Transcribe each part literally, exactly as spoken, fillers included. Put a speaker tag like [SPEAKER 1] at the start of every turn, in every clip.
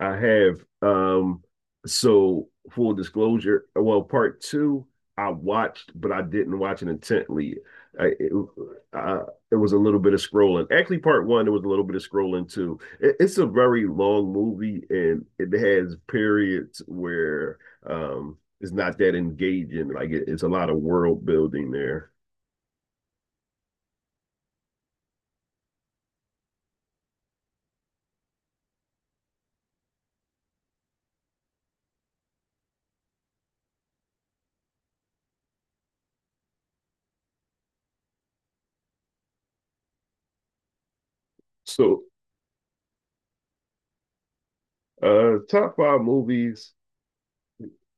[SPEAKER 1] I have. Um, so full disclosure, well, part two I watched, but I didn't watch it intently. I, it, I, it was a little bit of scrolling. Actually, part one, there was a little bit of scrolling too. It, it's a very long movie, and it has periods where um, it's not that engaging. Like it, it's a lot of world building there. So, uh, top five movies.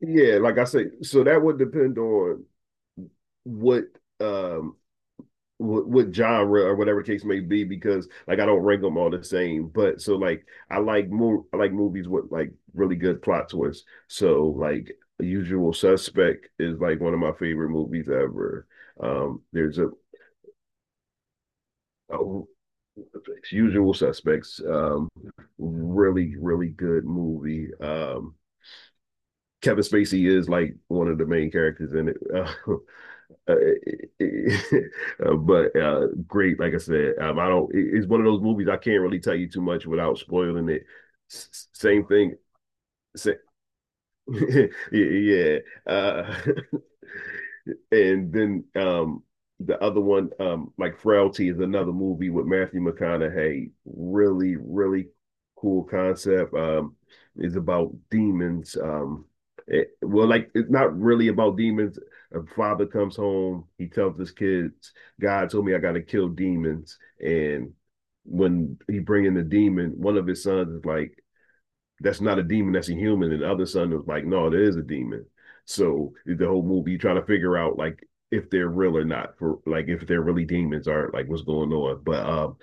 [SPEAKER 1] Yeah, like I say, so that would depend on what um what, what genre or whatever the case may be because like I don't rank them all the same. But so like I like more I like movies with like really good plot twists. So like Usual Suspect is like one of my favorite movies ever. Um, there's a, a Usual Suspects, um, really really good movie. Um, Kevin Spacey is like one of the main characters in it. Uh, Uh, it, it, uh, but uh, great, like I said, um, I don't. it- It's one of those movies I can't really tell you too much without spoiling it. S- same thing. Sa- yeah, yeah. Uh, and then um, the other one, um, like Frailty, is another movie with Matthew McConaughey. Really, really cool concept. Um, is about demons. Um, it, well, like it's not really about demons. A father comes home. He tells his kids, "God told me I got to kill demons." And when he bring in the demon, one of his sons is like, that's not a demon, that's a human. And the other son was like, no, there is a demon. So the whole movie, you try to figure out like if they're real or not, for like if they're really demons or like what's going on. But um,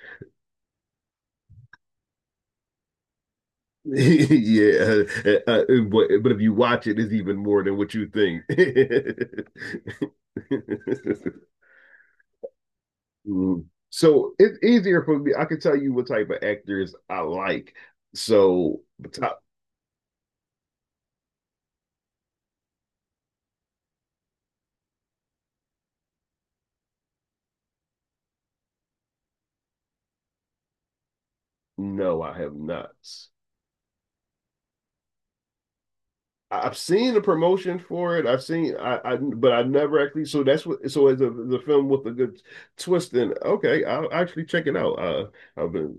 [SPEAKER 1] yeah, uh, uh, but but if you watch it, it's even more than what you think. Mm. So it's easier for me. I can tell you what type of actors I like. So top, no, I have not. I've seen the promotion for it. I've seen I, I But I never actually, so that's what so it's a the film with a good twist in it. Okay, I'll actually check it out. Uh I've been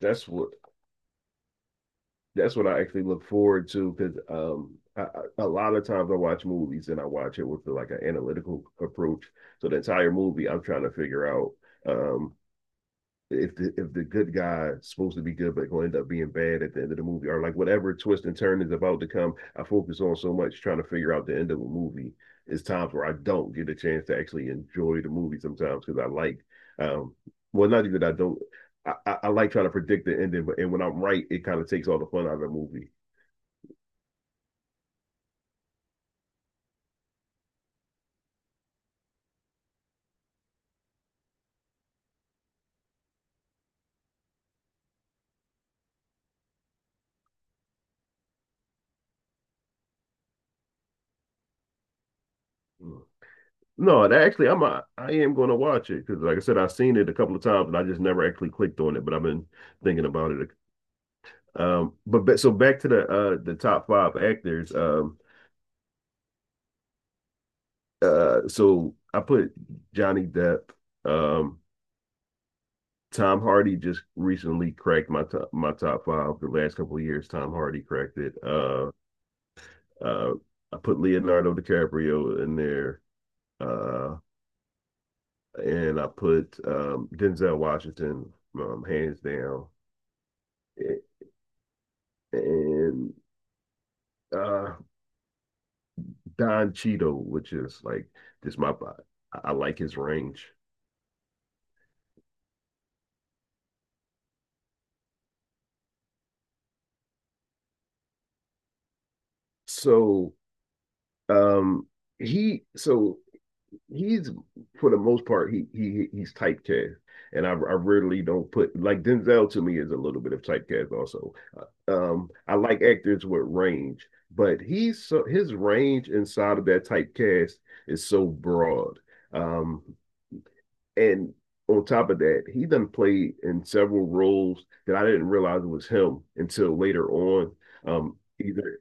[SPEAKER 1] that's what that's what I actually look forward to because um I, I- a lot of times I watch movies and I watch it with like an analytical approach. So the entire movie I'm trying to figure out um if the if the good guy is supposed to be good but gonna end up being bad at the end of the movie or like whatever twist and turn is about to come, I focus on so much trying to figure out the end of a movie. It's times where I don't get a chance to actually enjoy the movie sometimes because I like, um well, not even I don't, I, I, I like trying to predict the ending, but and when I'm right, it kind of takes all the fun out of the movie. Mm. No, that actually, I'm a, I am going to watch it because, like I said, I've seen it a couple of times, and I just never actually clicked on it. But I've been thinking about it. Um, but, but so back to the uh the top five actors. Um, uh, so I put Johnny Depp. Um, Tom Hardy just recently cracked my top my top five. The last couple of years, Tom Hardy cracked it. Uh, uh, I put Leonardo DiCaprio in there, uh, and I put um, Denzel Washington, um, hands down, and uh, Don Cheadle, which is like just my I, I like his range. So um, he so he's, for the most part, he he he's typecast, and I, I rarely don't put, like, Denzel to me is a little bit of typecast also. Uh, Um, I like actors with range, but he's so his range inside of that typecast is so broad. Um, and on top of that, he done played in several roles that I didn't realize it was him until later on. Um, either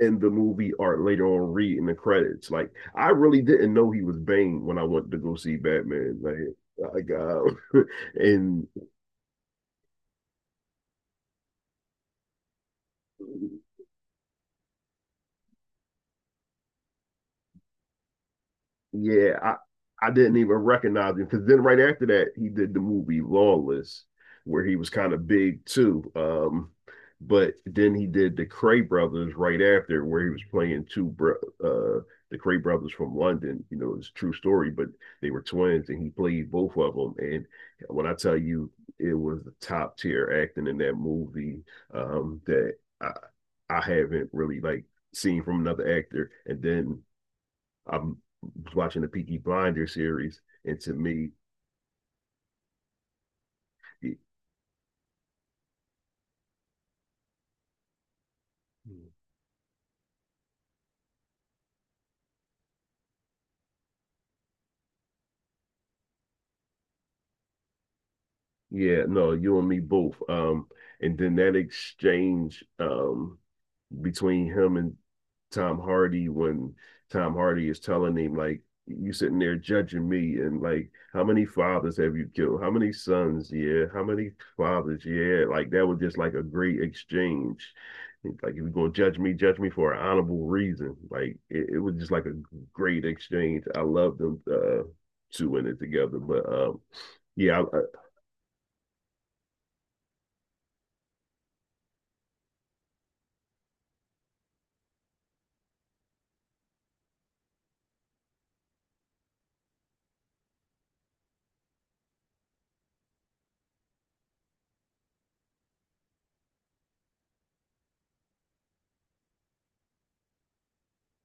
[SPEAKER 1] in the movie or later on read in the credits. Like I really didn't know he was Bane when I went to go see Batman. Like I got and yeah, I, I didn't even recognize him because then right after that he did the movie Lawless, where he was kind of big too. Um, but then he did the Cray Brothers right after, where he was playing two bro- uh the Cray Brothers from London. You know, it's a true story, but they were twins, and he played both of them. And when I tell you, it was the top tier acting in that movie, um, that I I haven't really like seen from another actor. And then I'm watching the Peaky Blinders series, and to me, it, yeah, no, you and me both. Um, and then that exchange, um between him and Tom Hardy, when Tom Hardy is telling him like, you sitting there judging me, and like, how many fathers have you killed, how many sons, yeah, how many fathers, yeah, like that was just like a great exchange, like if you're going to judge me, judge me for an honorable reason, like it, it was just like a great exchange. I love them uh two in it together. But um yeah, I, I,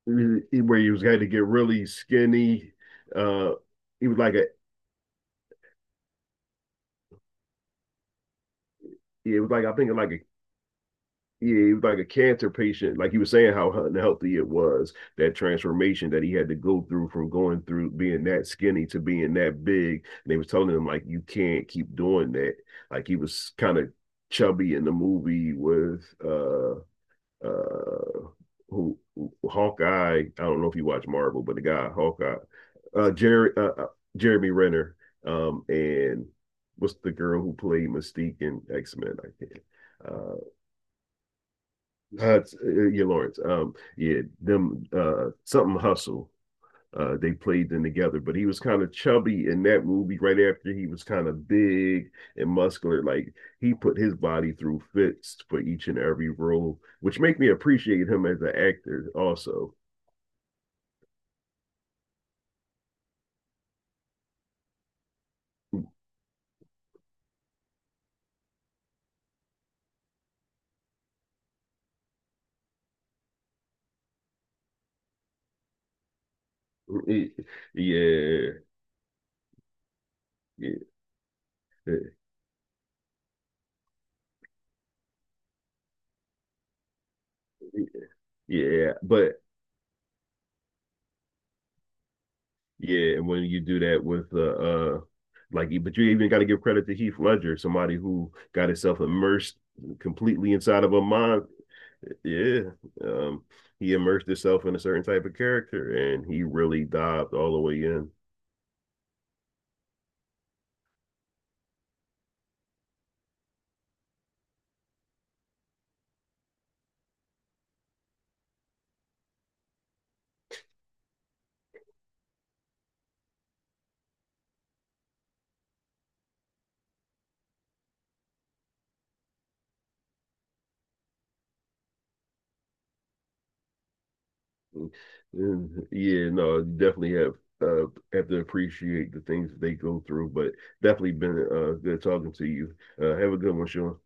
[SPEAKER 1] where he was going to get really skinny, uh he was like a, it was like, I think, like a, yeah, he was like a cancer patient. Like he was saying how unhealthy it was, that transformation that he had to go through from going through being that skinny to being that big. And they was telling him, like, you can't keep doing that. Like he was kind of chubby in the movie with uh uh who, who- Hawkeye. I don't know if you watch Marvel, but the guy Hawkeye, uh Jerry uh, uh, Jeremy Renner, um, and what's the girl who played Mystique in X-Men, I think. Uh uh, uh, yeah, Lawrence. Um, yeah, them, uh, something hustle. Uh, they played them together, but he was kind of chubby in that movie. Right after he was kind of big and muscular, like he put his body through fits for each and every role, which make me appreciate him as an actor. Also, yeah, yeah, yeah. Yeah, but yeah, and when you do that with uh, uh like, but you even got to give credit to Heath Ledger, somebody who got himself immersed completely inside of a mind. Yeah, um, he immersed himself in a certain type of character, and he really dived all the way in. And, yeah, no, you definitely have uh, have to appreciate the things that they go through, but definitely been uh, good talking to you. Uh, have a good one, Sean.